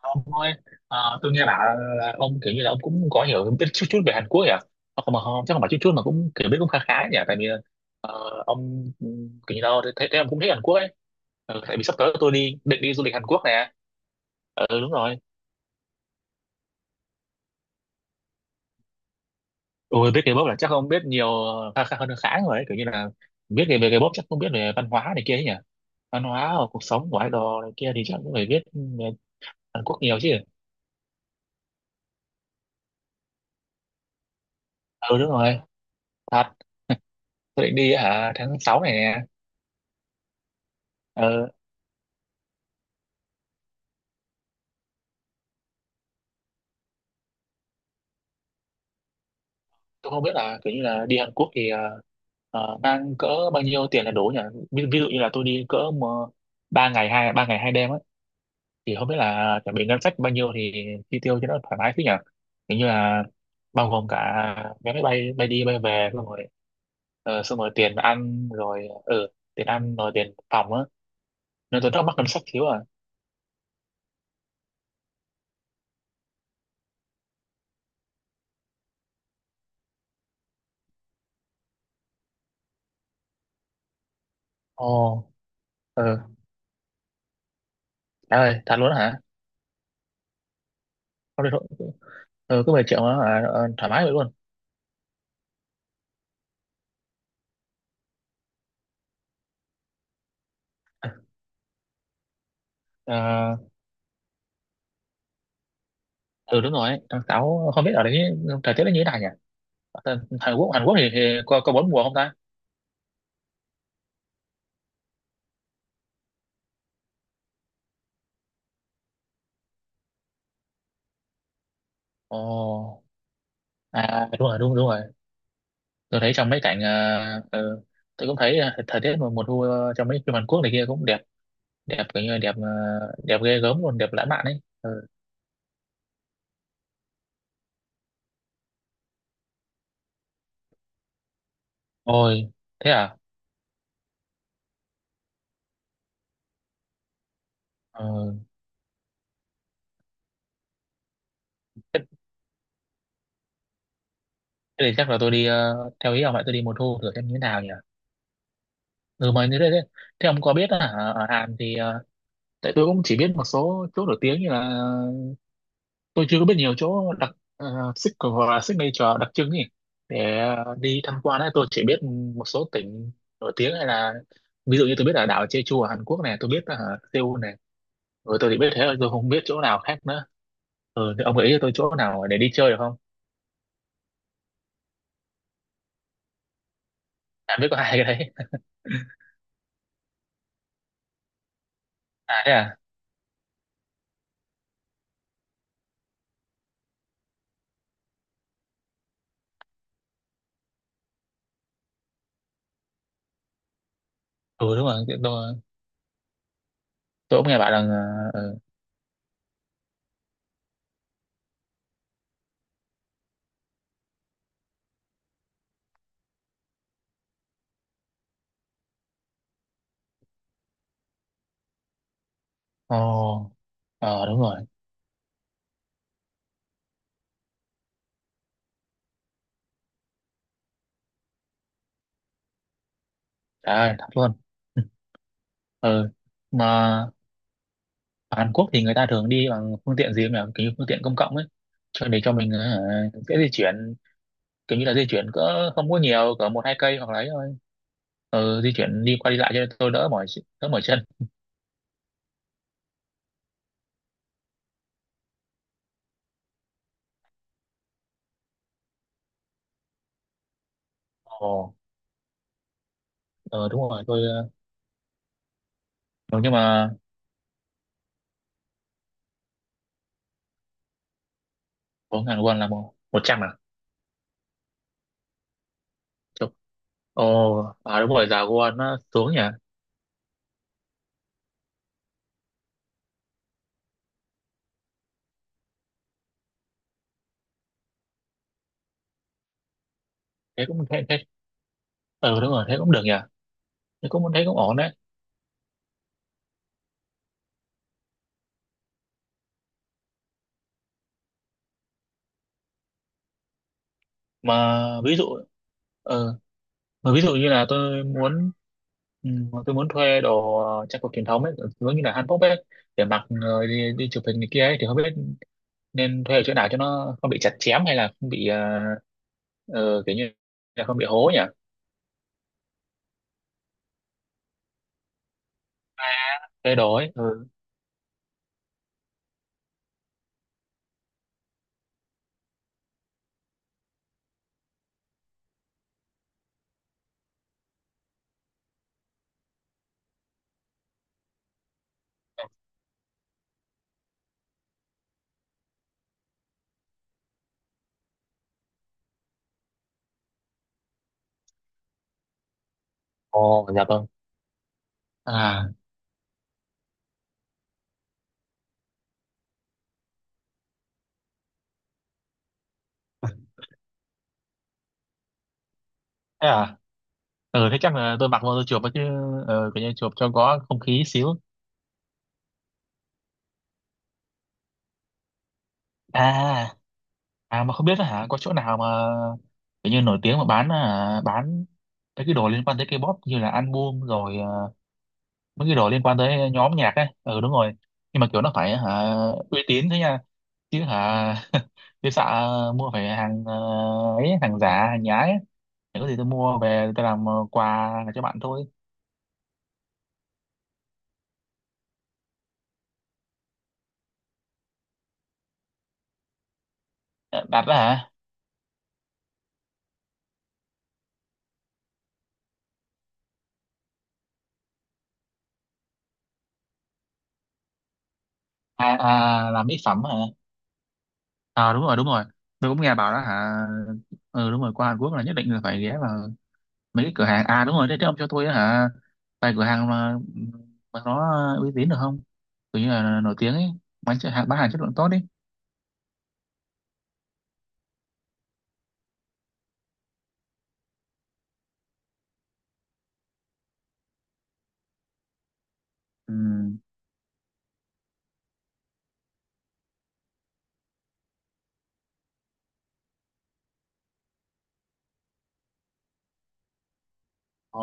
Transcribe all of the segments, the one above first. Ông ơi, tôi nghe bảo là ông kiểu như là ông cũng có hiểu biết chút chút về Hàn Quốc nhỉ? Không mà không, chắc không phải chút chút mà cũng kiểu biết cũng khá khá nhỉ. Tại vì ờ, ông ừ, kiểu như đâu thấy ông cũng thích Hàn Quốc ấy. Ừ, tại vì sắp tới tôi định đi du lịch Hàn Quốc nè. Ờ, ừ đúng rồi. Ôi biết K-pop là chắc ông biết nhiều, khá khá hơn rồi ấy. Kiểu như là biết về về K-pop chắc không biết về văn hóa này kia ấy nhỉ? Văn hóa hoặc cuộc sống của idol này kia thì chắc cũng phải biết ừ, về Hàn Quốc nhiều chứ. Ừ đúng rồi. Thật, tôi định đi hả tháng 6 này nè. Ừ, tôi không biết là kiểu như là đi Hàn Quốc thì mang cỡ bao nhiêu tiền là đủ nhỉ, ví dụ như là tôi đi cỡ mà ba ngày hai đêm ấy thì không biết là chuẩn bị ngân sách bao nhiêu thì chi tiêu cho nó thoải mái thế nhỉ. Kiểu như là bao gồm cả vé máy bay bay đi bay về xong rồi, xong rồi tiền ăn rồi tiền ăn rồi tiền phòng á, nên tôi rất mắc ngân sách thiếu à. Ồ, ừ, trời ơi thật luôn đó hả. Không được. Ừ, cứ 10 triệu đó hả? Ờ, thoải mái vậy luôn. Ừ đúng rồi, tháng sáu không biết ở đấy thời tiết nó như thế nào nhỉ. Ở Hàn Quốc thì có bốn mùa không ta. Ồ, à đúng rồi, đúng đúng rồi. Tôi thấy trong mấy cảnh ừ, tôi cũng thấy ờ, thời tiết mùa mùa thu ờ, trong mấy phim Hàn Quốc này kia cũng đẹp. Kiểu như là đẹp đẹp ghê gớm luôn, đẹp lãng mạn ấy ừ. Ôi thế à. Ừ. thế Thế thì chắc là tôi đi theo ý ông lại tôi đi mùa thu thử xem như thế nào nhỉ. Ừ, mà thế ông có biết là ở ở Hàn thì ờ, tại tôi cũng chỉ biết một số chỗ nổi tiếng như là, tôi chưa có biết nhiều chỗ đặc signature hoặc là signature đặc trưng nhỉ, để đi tham quan ấy. Tôi chỉ biết một số tỉnh nổi tiếng, hay là ví dụ như tôi biết là đảo Jeju ở Hàn Quốc này, tôi biết là Seoul này, rồi tôi chỉ biết thế thôi, tôi không biết chỗ nào khác nữa. Ừ, thì ông gợi ý cho tôi chỗ nào để đi chơi được không. À biết có hai cái đấy. à thế à. Ừ đúng rồi, tôi cũng nghe bạn rằng ờ, ừ. Ồ, ờ đúng rồi, trời ơi thật luôn. ừ mà ở Hàn Quốc thì người ta thường đi bằng phương tiện gì mà kiểu như phương tiện công cộng ấy, cho để cho mình ờ, dễ di chuyển. Kiểu như là di chuyển cỡ không có nhiều, cỡ một hai cây hoặc là ấy thôi, ờ, di chuyển đi qua đi lại cho tôi đỡ mỏi đỡ mỏi chân. Ồ, ờ, đúng rồi tôi ờ, ừ, nhưng mà bốn ngàn won là một một trăm à. Chục. Ồ à đúng rồi, giá won nó xuống nhỉ. Thế cũng thế thế Ờ đúng rồi thế cũng được nhỉ. Thế cũng Ổn đấy. mà ví dụ Mà ví dụ như là tôi muốn ừ, tôi muốn thuê đồ ờ, trang phục truyền thống ấy, giống như là hanbok ấy, để mặc rồi đi đi chụp hình này kia ấy, thì không biết nên thuê ở chỗ nào cho nó không bị chặt chém, hay là không bị ờ, kiểu như là không bị hố nhỉ? Thuê đồ ấy. Ừ. Ồ, dạ vâng. À, thế à? Ừ, thế chắc là tôi mặc vô tôi chụp ấy chứ, kiểu như chụp cho có không khí xíu. À, à mà không biết là hả có chỗ nào mà kiểu như nổi tiếng mà bán à, bán mấy cái đồ liên quan tới K-pop như là album rồi mấy cái đồ liên quan tới nhóm nhạc ấy, ừ đúng rồi. Nhưng mà kiểu nó phải hả uy tín thế nha, chứ hả chứ sợ mua phải hàng ờ, ấy hàng giả hàng nhái ấy. Để có gì tôi mua về tôi làm quà cho bạn thôi. Ờ, đặt đó hả. À, à làm mỹ phẩm hả. À đúng rồi tôi cũng nghe bảo đó hả. Ừ đúng rồi, qua Hàn Quốc là nhất định là phải ghé vào mấy cái cửa hàng. À đúng rồi thế ông cho tôi á hả vài cửa hàng mà nó uy tín được không, kiểu như là nổi tiếng ấy, bán hàng chất lượng tốt đi. Ừ. Ờ,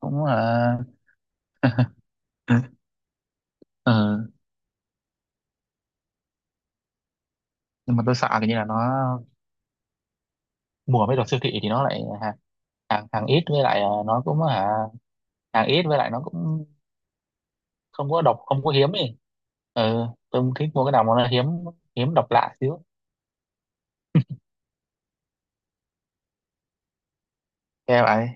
cũng là ờ, nhưng mà tôi sợ cái như là nó mua mấy đồ siêu thị thì nó lại hàng hàng ít, với lại ờ, nó cũng hả hàng ít, với lại nó cũng không có độc không có hiếm ấy. Ừ, tôi cũng thích mua cái nào mà nó hiếm, hiếm độc lạ xíu. Nghe vậy.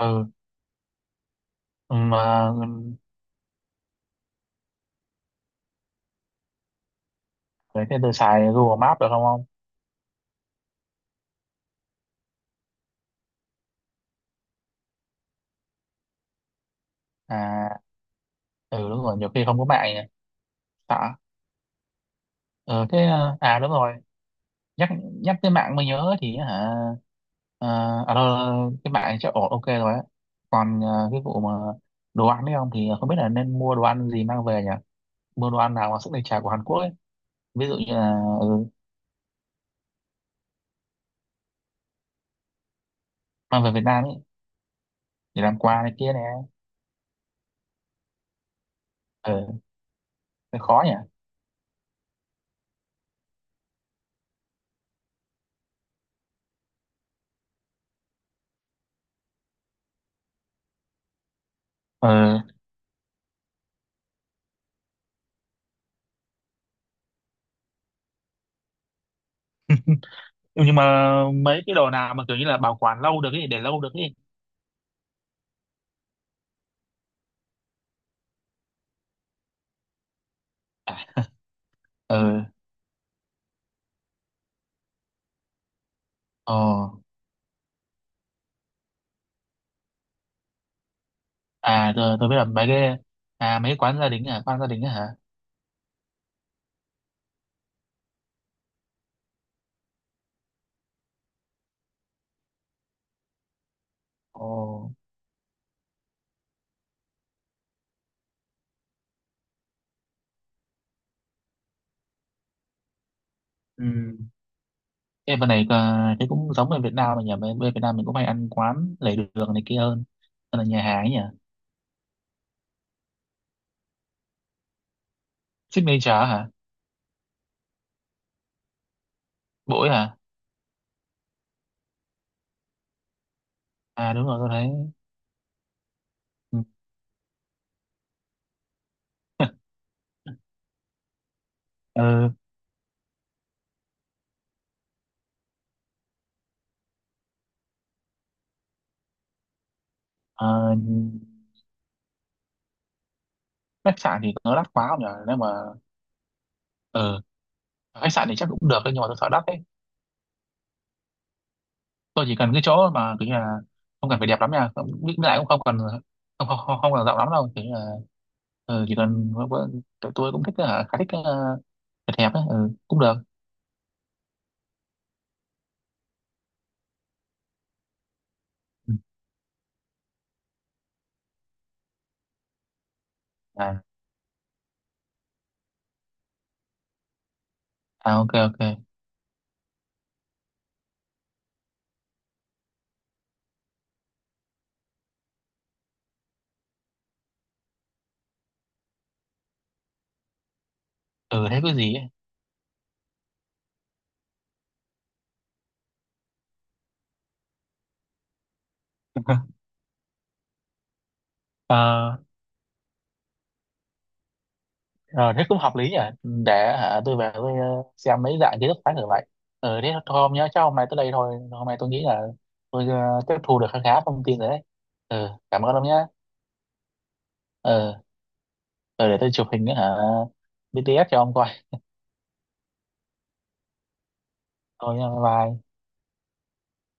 Ừ, mà thế thì tôi xài Google Maps được không không. À, ừ đúng rồi, nhiều khi không có mạng nhỉ. Sợ. Ừ thế à đúng rồi, nhắc nhắc tới mạng mới nhớ thì hả ờ, à đâu, cái mạng này chắc ổn ok rồi á. Còn ờ, cái vụ mà đồ ăn đấy không, thì không biết là nên mua đồ ăn gì mang về nhỉ, mua đồ ăn nào mà sức đề chả của Hàn Quốc ấy, ví dụ như là ừ, mang về Việt Nam ấy, để làm quà này kia nè. Ờ cái khó nhỉ. Ờ, ừ, nhưng mà mấy cái đồ nào mà kiểu như là bảo quản lâu được ấy, để lâu được ấy. À, ờ, ờ à tôi biết là mấy cái, à mấy cái quán gia đình, à quán gia đình á hả. Ồ. Ừ. Em bên này ờ, cái cũng giống ở Việt Nam mà nhỉ? Bên Bên Việt Nam mình cũng hay ăn quán lề đường này kia hơn. Hơn là nhà hàng ấy nhỉ? Signature hả? Bỗi hả? À đúng rồi tôi thấy. Ừ. Ờ, ờ, Khách sạn thì nó đắt quá không nhỉ? Nếu mà ờ, khách sạn thì chắc cũng được đấy, nhưng mà tôi sợ đắt đấy. Tôi chỉ cần cái chỗ mà kiểu như là không cần phải đẹp lắm nha. Không- Với lại cũng không cần, không cần rộng lắm đâu. Kiểu như là ờ, chỉ cần tụi tôi cũng thích ờ, khá thích đẹp đẹp ấy, ừ, cũng được. Ừ. À, à ok ok. Ừ thế cái gì ấy. Ờ, rồi thế cũng hợp lý nhỉ. Để hả, tôi về tôi ờ, xem mấy dạng kiến thức khác thử vậy. Ừ, thế thôi hôm chắc hôm nay tới đây thôi, hôm nay tôi nghĩ là tôi tiếp thu được khá khá thông tin rồi đấy. Ừ, cảm ơn ông nhé. ừ, ừ, để tôi chụp hình nữa hả BTS cho ông coi. Thôi nha, bye bye.